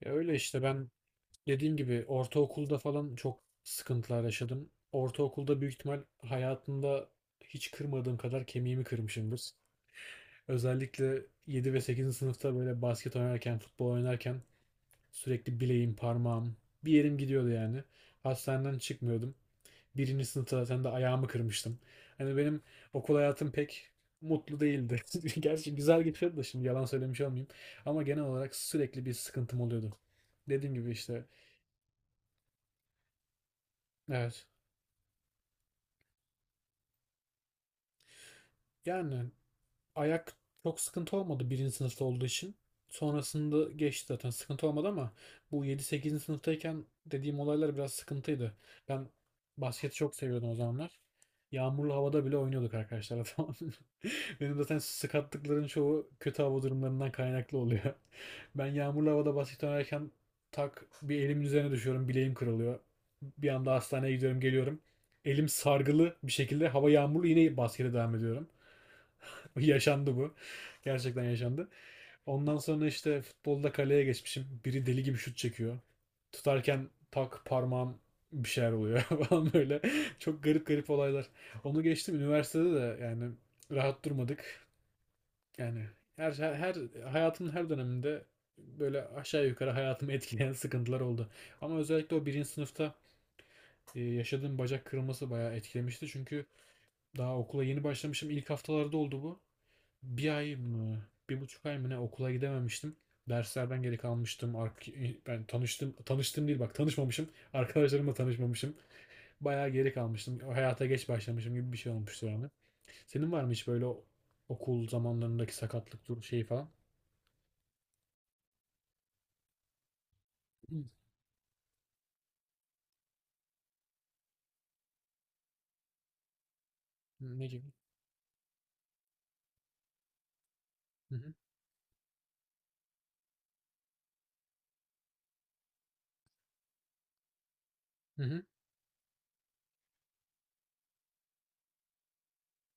Ya öyle işte ben dediğim gibi ortaokulda falan çok sıkıntılar yaşadım. Ortaokulda büyük ihtimal hayatımda hiç kırmadığım kadar kemiğimi kırmışımdır. Özellikle 7 ve sekizinci sınıfta böyle basket oynarken, futbol oynarken sürekli bileğim, parmağım, bir yerim gidiyordu yani. Hastaneden çıkmıyordum. Birinci sınıfta zaten de ayağımı kırmıştım. Hani benim okul hayatım pek mutlu değildi. Gerçi güzel geçiyordu da şimdi yalan söylemiş olmayayım. Ama genel olarak sürekli bir sıkıntım oluyordu. Dediğim gibi işte. Evet. Yani ayak çok sıkıntı olmadı birinci sınıfta olduğu için. Sonrasında geçti zaten sıkıntı olmadı ama bu yedi sekizinci sınıftayken dediğim olaylar biraz sıkıntıydı. Ben basketi çok seviyordum o zamanlar. Yağmurlu havada bile oynuyorduk arkadaşlar, tamam. Benim zaten sakatlıkların çoğu kötü hava durumlarından kaynaklı oluyor. Ben yağmurlu havada basket oynarken tak, bir elimin üzerine düşüyorum, bileğim kırılıyor. Bir anda hastaneye gidiyorum geliyorum. Elim sargılı bir şekilde, hava yağmurlu, yine baskete devam ediyorum. Yaşandı bu. Gerçekten yaşandı. Ondan sonra işte futbolda kaleye geçmişim. Biri deli gibi şut çekiyor. Tutarken tak, parmağım bir şeyler oluyor falan böyle. Çok garip garip olaylar. Onu geçtim, üniversitede de yani rahat durmadık. Yani hayatımın her döneminde böyle aşağı yukarı hayatımı etkileyen sıkıntılar oldu. Ama özellikle o birinci sınıfta yaşadığım bacak kırılması bayağı etkilemişti. Çünkü daha okula yeni başlamışım. İlk haftalarda oldu bu, bir ay mı, bir buçuk ay mı ne okula gidememiştim. Derslerden geri kalmıştım. Ben tanıştım, tanıştım değil, bak tanışmamışım. Arkadaşlarımla tanışmamışım. Bayağı geri kalmıştım. Hayata geç başlamışım gibi bir şey olmuştu yani. Senin var mı hiç böyle okul zamanlarındaki sakatlık dur şeyi falan? Hı. Ne gibi? Hı hı. Hı hı.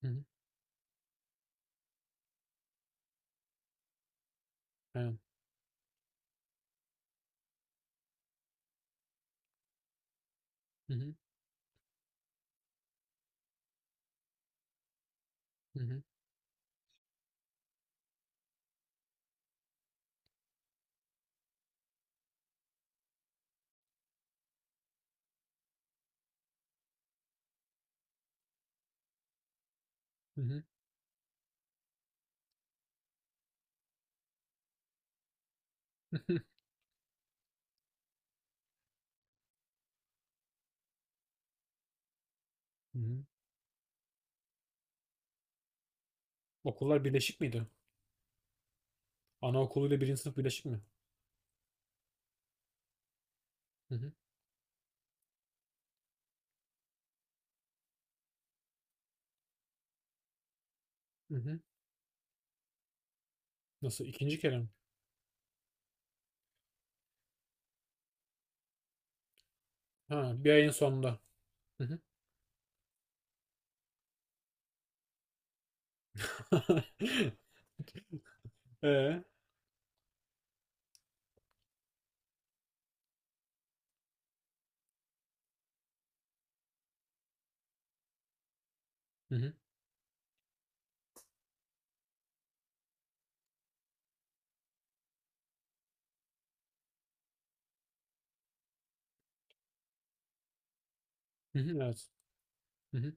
Hı hı, aynen. Hı hı. Hı hı. Hı hı. Hı hı. Okullar birleşik miydi? Anaokuluyla birinci sınıf birleşik mi? Hı hı. Hı hı. Nasıl? İkinci kere mi? Ha, bir ayın sonunda. Hı hı. Ee, hı hı. Hı hı. evet. Hı hı.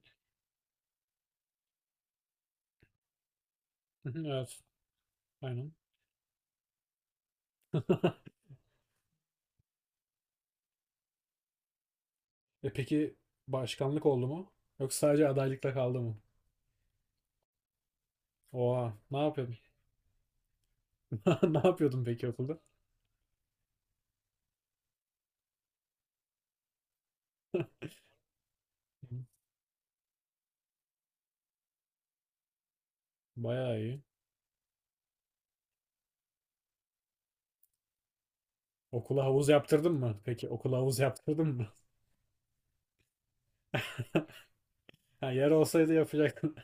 Hı hı, evet. Aynen. E peki, başkanlık oldu mu? Yoksa sadece adaylıkla kaldı mı? Oha, ne yapıyordun? Ne yapıyordun peki okulda? Bayağı iyi. Okula havuz yaptırdın mı? Peki okula havuz yaptırdın mı? Ha, yer olsaydı yapacaktın.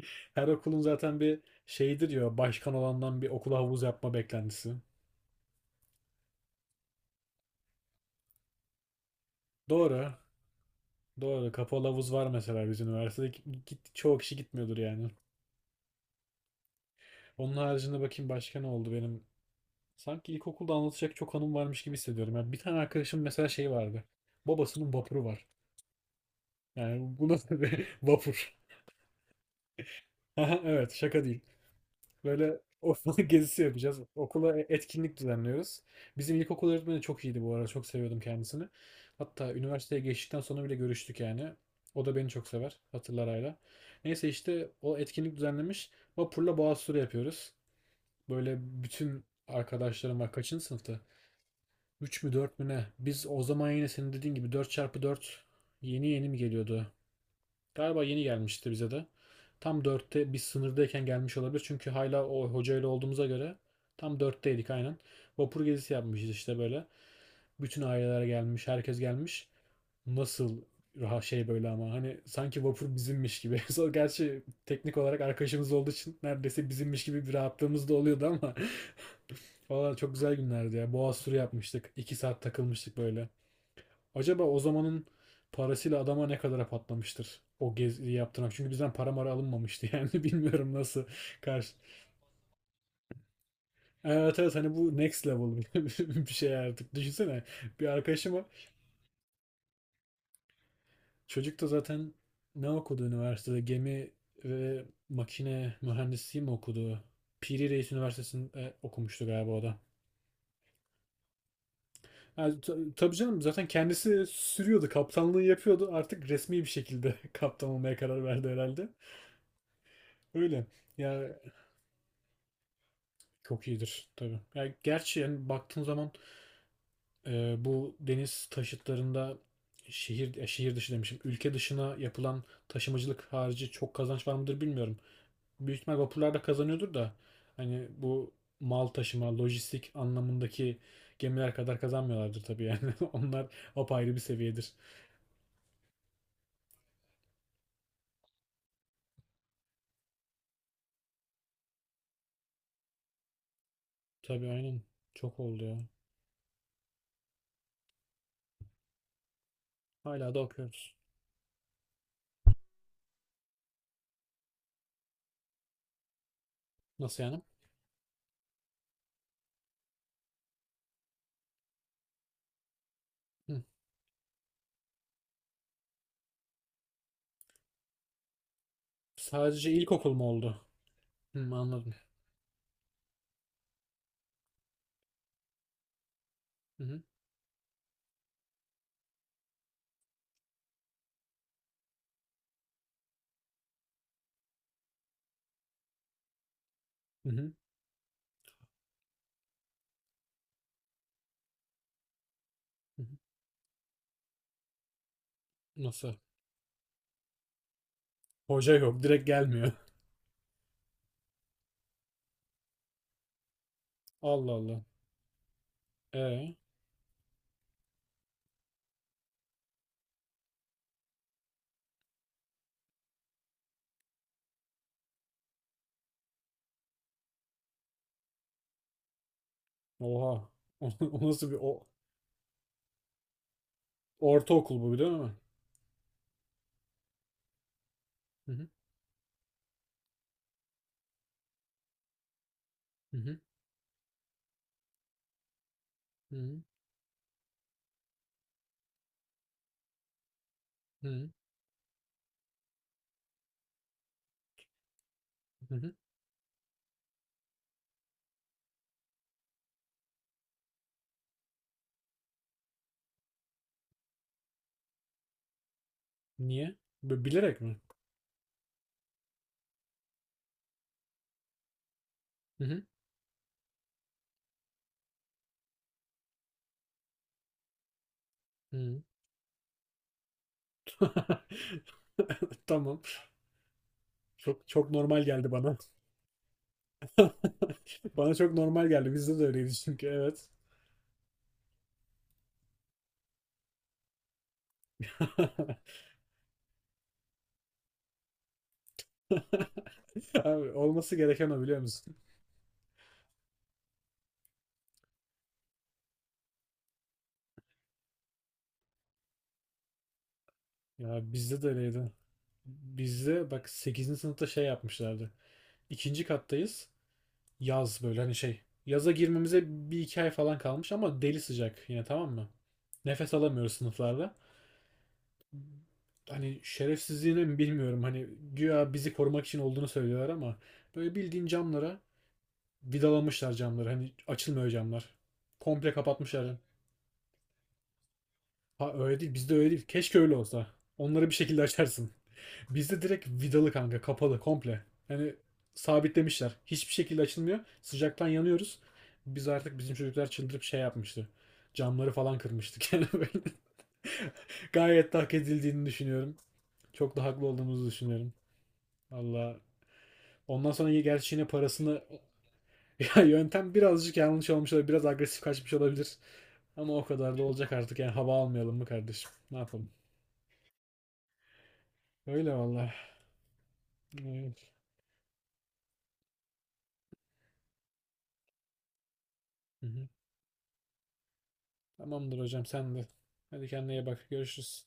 Her okulun zaten bir şeyidir ya, başkan olandan bir okula havuz yapma beklentisi. Doğru. Doğru. Kapalı havuz var mesela bizim üniversitede. Git, çoğu kişi gitmiyordur yani. Onun haricinde bakayım başka ne oldu benim. Sanki ilkokulda anlatacak çok anım varmış gibi hissediyorum. Yani bir tane arkadaşım mesela, şey vardı. Babasının vapuru var. Yani bu nasıl bir vapur? Aha, evet, şaka değil. Böyle ortalık gezisi yapacağız. Okula etkinlik düzenliyoruz. Bizim ilkokul öğretmeni çok iyiydi bu arada. Çok seviyordum kendisini. Hatta üniversiteye geçtikten sonra bile görüştük yani. O da beni çok sever. Hatırlar hala. Neyse işte o etkinlik düzenlemiş. Vapurla boğaz turu yapıyoruz. Böyle bütün arkadaşlarım var. Kaçıncı sınıftı? 3 mü 4 mü ne? Biz o zaman yine senin dediğin gibi 4 çarpı 4 yeni yeni mi geliyordu? Galiba yeni gelmişti bize de. Tam 4'te biz sınırdayken gelmiş olabilir. Çünkü hala o hocayla olduğumuza göre tam 4'teydik aynen. Vapur gezisi yapmışız işte böyle. Bütün aileler gelmiş, herkes gelmiş. Nasıl rahat şey böyle ama hani sanki vapur bizimmiş gibi. Gerçi teknik olarak arkadaşımız olduğu için neredeyse bizimmiş gibi bir rahatlığımız da oluyordu ama. Valla çok güzel günlerdi ya. Boğaz turu yapmıştık. 2 saat takılmıştık böyle. Acaba o zamanın parasıyla adama ne kadara patlamıştır o geziyi yaptırmak? Çünkü bizden para mara alınmamıştı yani. Bilmiyorum nasıl karşı. Evet, evet, hani bu next level bir şey artık. Düşünsene, bir arkadaşıma, çocuk da zaten ne okudu üniversitede? Gemi ve makine mühendisliği mi okudu? Piri Reis Üniversitesi'nde okumuştu galiba o da. Yani tabii canım, zaten kendisi sürüyordu, kaptanlığı yapıyordu. Artık resmi bir şekilde kaptan olmaya karar verdi herhalde. Öyle. Ya çok iyidir tabii. Ya gerçi yani baktığın zaman bu deniz taşıtlarında şehir dışı demişim. Ülke dışına yapılan taşımacılık harici çok kazanç var mıdır bilmiyorum. Büyük ihtimal vapurlar da kazanıyordur da hani bu mal taşıma, lojistik anlamındaki gemiler kadar kazanmıyorlardır tabii yani. Onlar apayrı bir seviyedir. Tabii aynen. Çok oldu ya. Hala da okuyoruz. Nasıl yani? Hı. Sadece ilkokul mu oldu? Hı, anladım. Hı hı. Hı hı. Hı hı. Nasıl? Hoca yok. Direkt gelmiyor. Allah Allah. E, oha. O, nasıl bir o, ortaokul bu değil mi? Hı hı. Hı hı. Hı hı. Hı hı. Hı hı. Niye? Bilerek mi? Hı hı. Hı hı. Tamam. Çok çok normal geldi bana. Bana çok normal geldi. Bizde de öyleydi çünkü. Evet. Abi olması gereken o, biliyor musun? Ya bizde de öyleydi. Bizde bak sekizinci sınıfta şey yapmışlardı. İkinci kattayız. Yaz böyle hani, şey. Yaza girmemize bir iki ay falan kalmış ama deli sıcak yine, tamam mı? Nefes alamıyoruz sınıflarda. Hani şerefsizliğine mi bilmiyorum. Hani güya bizi korumak için olduğunu söylüyorlar ama böyle bildiğin camlara vidalamışlar camları. Hani açılmıyor camlar. Komple kapatmışlar. Ha, öyle değil. Bizde öyle değil. Keşke öyle olsa. Onları bir şekilde açarsın. Bizde direkt vidalı kanka. Kapalı komple. Yani sabitlemişler. Hiçbir şekilde açılmıyor. Sıcaktan yanıyoruz. Biz artık, bizim çocuklar çıldırıp şey yapmıştı. Camları falan kırmıştık. Yani böyle, gayet de hak edildiğini düşünüyorum. Çok da haklı olduğumuzu düşünüyorum. Valla. Ondan sonra gerçi yine parasını... Ya yöntem birazcık yanlış olmuş olabilir. Biraz agresif kaçmış olabilir. Ama o kadar da olacak artık. Yani hava almayalım mı kardeşim? Ne yapalım? Öyle valla. Ee, Hı hı. Tamamdır hocam, sen de. Hadi kendine iyi bak. Görüşürüz.